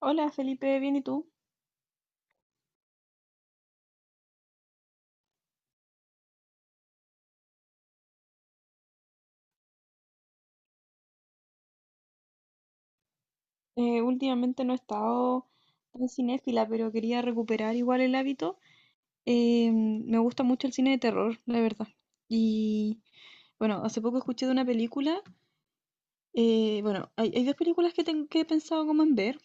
Hola Felipe, bien, ¿y tú? Últimamente no he estado tan cinéfila, pero quería recuperar igual el hábito. Me gusta mucho el cine de terror, la verdad. Y bueno, hace poco escuché de una película. Bueno, hay dos películas que, que he pensado como en ver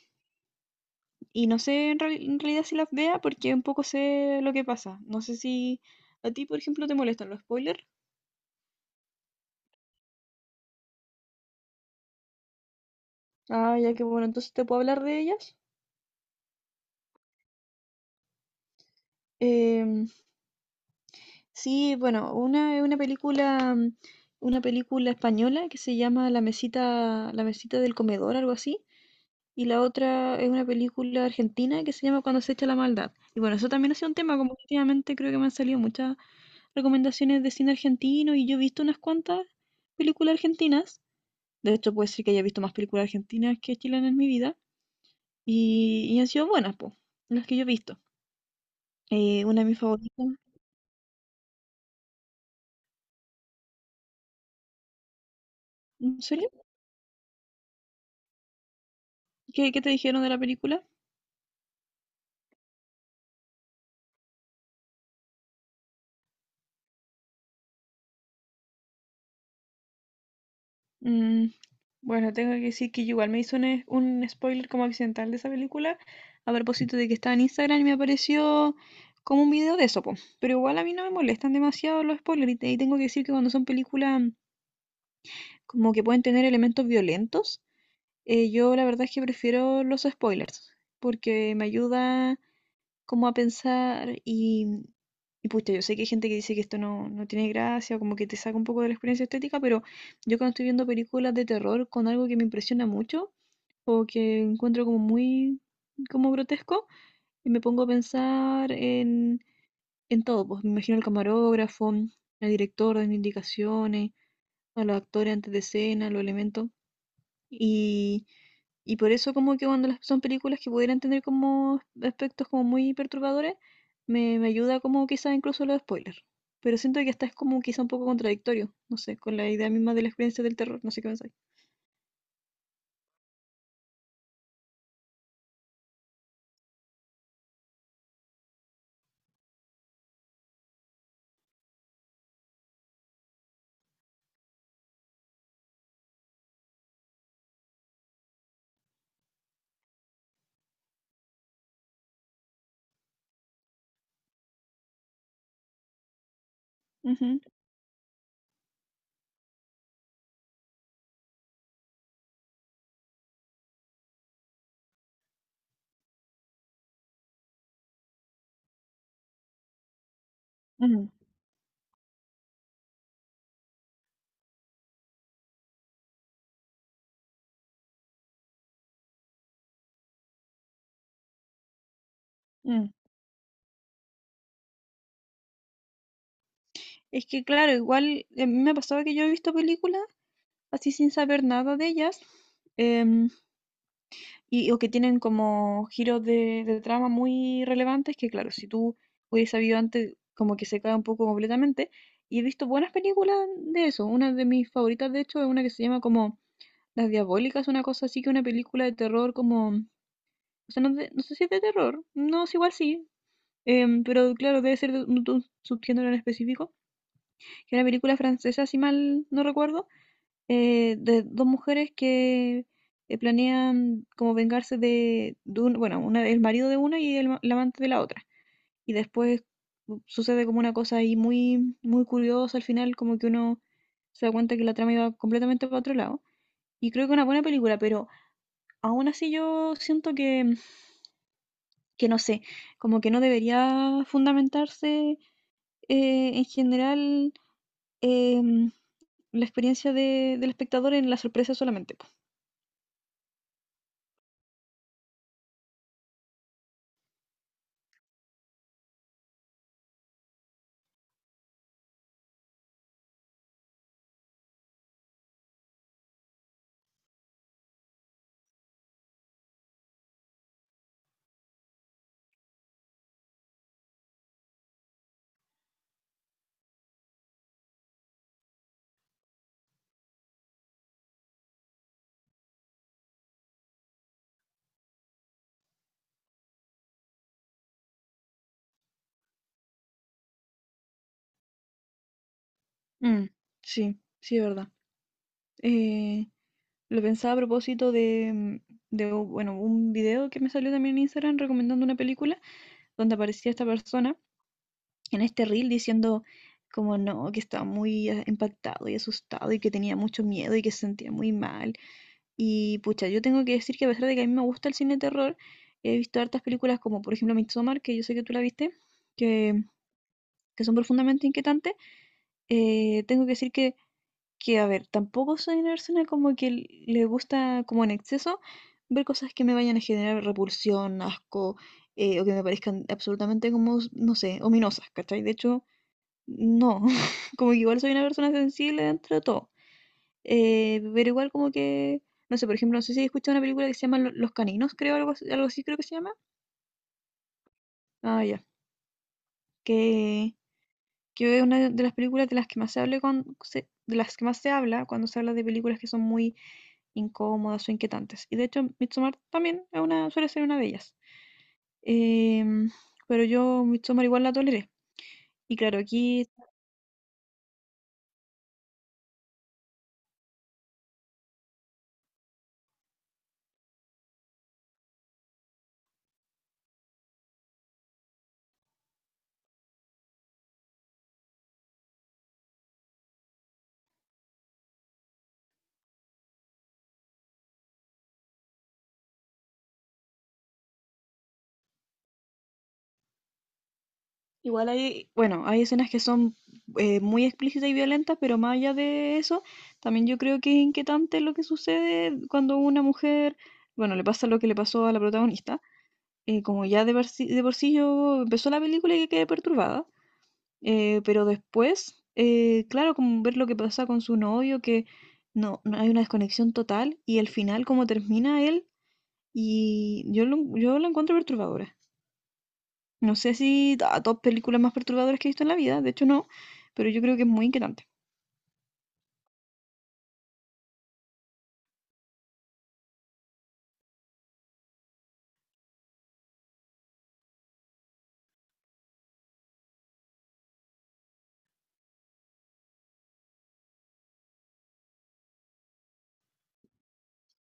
y no sé en realidad si las vea porque un poco sé lo que pasa. No sé si a ti, por ejemplo, te molestan los spoilers. Ah, ya, que bueno, entonces te puedo hablar de ellas. Sí, bueno, una película, una película española que se llama La mesita del comedor, algo así, y la otra es una película argentina que se llama Cuando se echa la maldad. Y bueno, eso también ha sido un tema, como que últimamente creo que me han salido muchas recomendaciones de cine argentino y yo he visto unas cuantas películas argentinas. De hecho, puede ser que haya visto más películas argentinas que chilenas en mi vida y han sido buenas, pues, las que yo he visto. Una de mis favoritas. ¿En serio? ¿Qué te dijeron de la película? Mm, bueno, tengo que decir que yo igual me hizo un spoiler como accidental de esa película, a propósito de que estaba en Instagram y me apareció como un video de eso, po. Pero igual a mí no me molestan demasiado los spoilers, y tengo que decir que cuando son películas como que pueden tener elementos violentos, yo la verdad es que prefiero los spoilers, porque me ayuda como a pensar y pucha, yo sé que hay gente que dice que esto no tiene gracia, como que te saca un poco de la experiencia estética, pero yo cuando estoy viendo películas de terror con algo que me impresiona mucho o que encuentro como muy como grotesco y me pongo a pensar en todo, pues me imagino al camarógrafo, al director dando indicaciones, a los actores antes de escena, los elementos. Y, y por eso como que cuando son películas que pudieran tener como aspectos como muy perturbadores, me ayuda como quizás incluso los spoilers. Pero siento que hasta es como quizá un poco contradictorio, no sé, con la idea misma de la experiencia del terror, no sé qué pensáis. Ujú, ujú, mm. Es que claro, igual me ha pasado que yo he visto películas así sin saber nada de ellas. em, Y, o que tienen como giros de trama muy relevantes que, claro, si tú hubieses sabido antes, como que se cae un poco completamente. Y he visto buenas películas de eso. Una de mis favoritas, de hecho, es una que se llama como Las Diabólicas, una cosa así que una película de terror como... O sea, no, no sé si es de terror. No, es igual sí. Pero claro, debe ser de un subgénero en específico. Que es una película francesa, si mal no recuerdo, de dos mujeres que planean como vengarse de bueno, una, el marido de una y el amante de la otra. Y después sucede como una cosa ahí muy, muy curiosa al final, como que uno se da cuenta que la trama iba completamente para otro lado. Y creo que es una buena película, pero aún así yo siento que no sé, como que no debería fundamentarse en general, em, la experiencia del espectador en la sorpresa solamente. Mm, sí, sí, es verdad. Eh, lo pensaba a propósito de, bueno, un video que me salió también en Instagram recomendando una película donde aparecía esta persona en este reel diciendo como no, que estaba muy impactado y asustado y que tenía mucho miedo y que se sentía muy mal. Y pucha, yo tengo que decir que a pesar de que a mí me gusta el cine de terror, he visto hartas películas como por ejemplo Midsommar, que yo sé que tú la viste, que, que son profundamente inquietantes. Tengo que decir que, a ver, tampoco soy una persona como que le gusta como en exceso ver cosas que me vayan a generar repulsión, asco, o que me parezcan absolutamente como, no sé, ominosas, ¿cachai? De hecho, no, como que igual soy una persona sensible dentro de todo. Pero igual como que, no sé, por ejemplo, no sé si he escuchado una película que se llama Los Caninos, creo, algo, algo así creo que se llama. Ah, ya. Que, que es una de las películas de las que más se habla de las que más se habla cuando se habla de películas que son muy incómodas o inquietantes. Y de hecho, Midsommar también es una, suele ser una de ellas. Em, pero yo Midsommar igual la toleré. Y claro, aquí igual bueno, hay escenas que son muy explícitas y violentas, pero más allá de eso, también yo creo que es inquietante lo que sucede cuando una mujer, bueno, le pasa lo que le pasó a la protagonista. Como ya de por sí yo empezó la película y quedé perturbada. Pero después, claro, como ver lo que pasa con su novio, que no hay una desconexión total y al final como termina él yo la encuentro perturbadora. No sé si a top películas más perturbadoras que he visto en la vida, de hecho no, pero yo creo que es muy inquietante.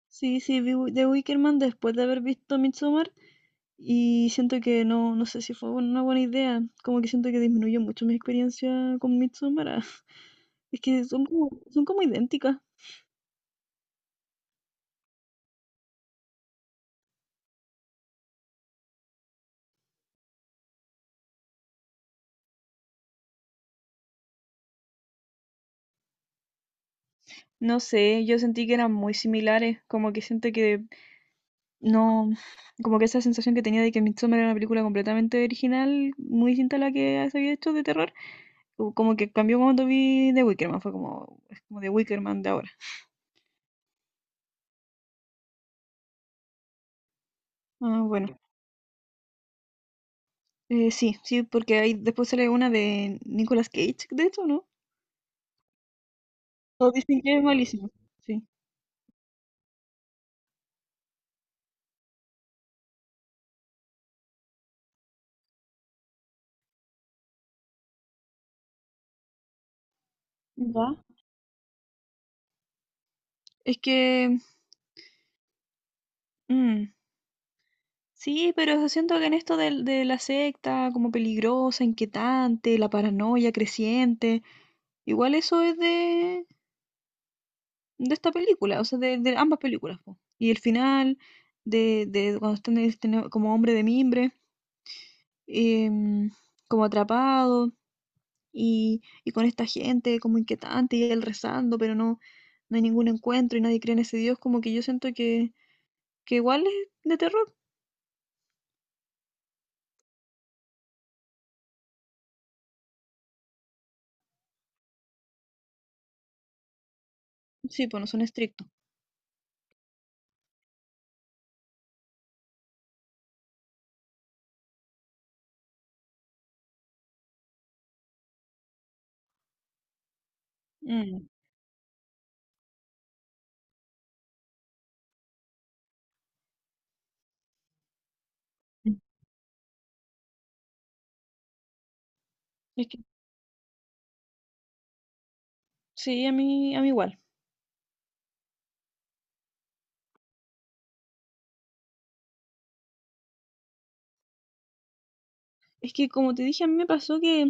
Sí, sí, vi The Wickerman después de haber visto Midsommar y siento que no sé si fue una buena idea, como que siento que disminuyó mucho mi experiencia con Midsommar. Es que son como idénticas. No sé, yo sentí que eran muy similares, como que siento que no, como que esa sensación que tenía de que Midsommar era una película completamente original, muy distinta a la que se había hecho de terror, o como que cambió cuando vi The Wicker Man, fue como, es como The Wicker Man de ahora. Ah, bueno. Sí, sí, porque ahí después sale una de Nicolas Cage, de hecho, ¿no? Todos dicen que es malísimo, sí. Ya. Es que, mm, sí, pero siento que en esto la secta como peligrosa, inquietante, la paranoia creciente, igual eso es de esta película, o sea, de ambas películas, po. Y el final de cuando están este como hombre de mimbre, em, como atrapado y con esta gente como inquietante y él rezando, pero no hay ningún encuentro y nadie cree en ese Dios, como que yo siento que igual es de terror. Sí, pues no son estrictos. Mm. Es que sí, a mí igual. Es que como te dije, a mí me pasó que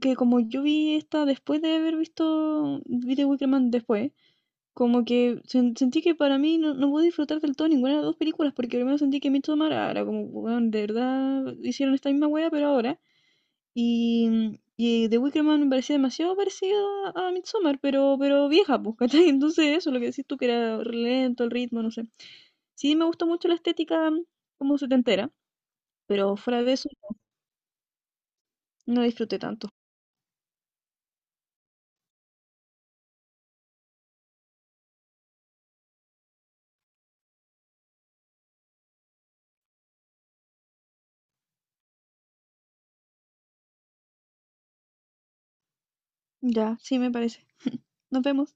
que como yo vi esta después de haber visto, vi The Wicker Man después, como que sentí que para mí no pude disfrutar del todo ninguna de las dos películas, porque primero sentí que Midsommar era como, weón, de verdad hicieron esta misma wea, pero ahora. Y The Wicker Man me parecía demasiado parecida a Midsommar, pero vieja, pues, ¿cachai? Entonces eso, lo que decís tú, que era re lento el ritmo, no sé. Sí, me gustó mucho la estética, como setentera, pero fuera de eso no disfruté tanto. Ya, sí me parece. Nos vemos.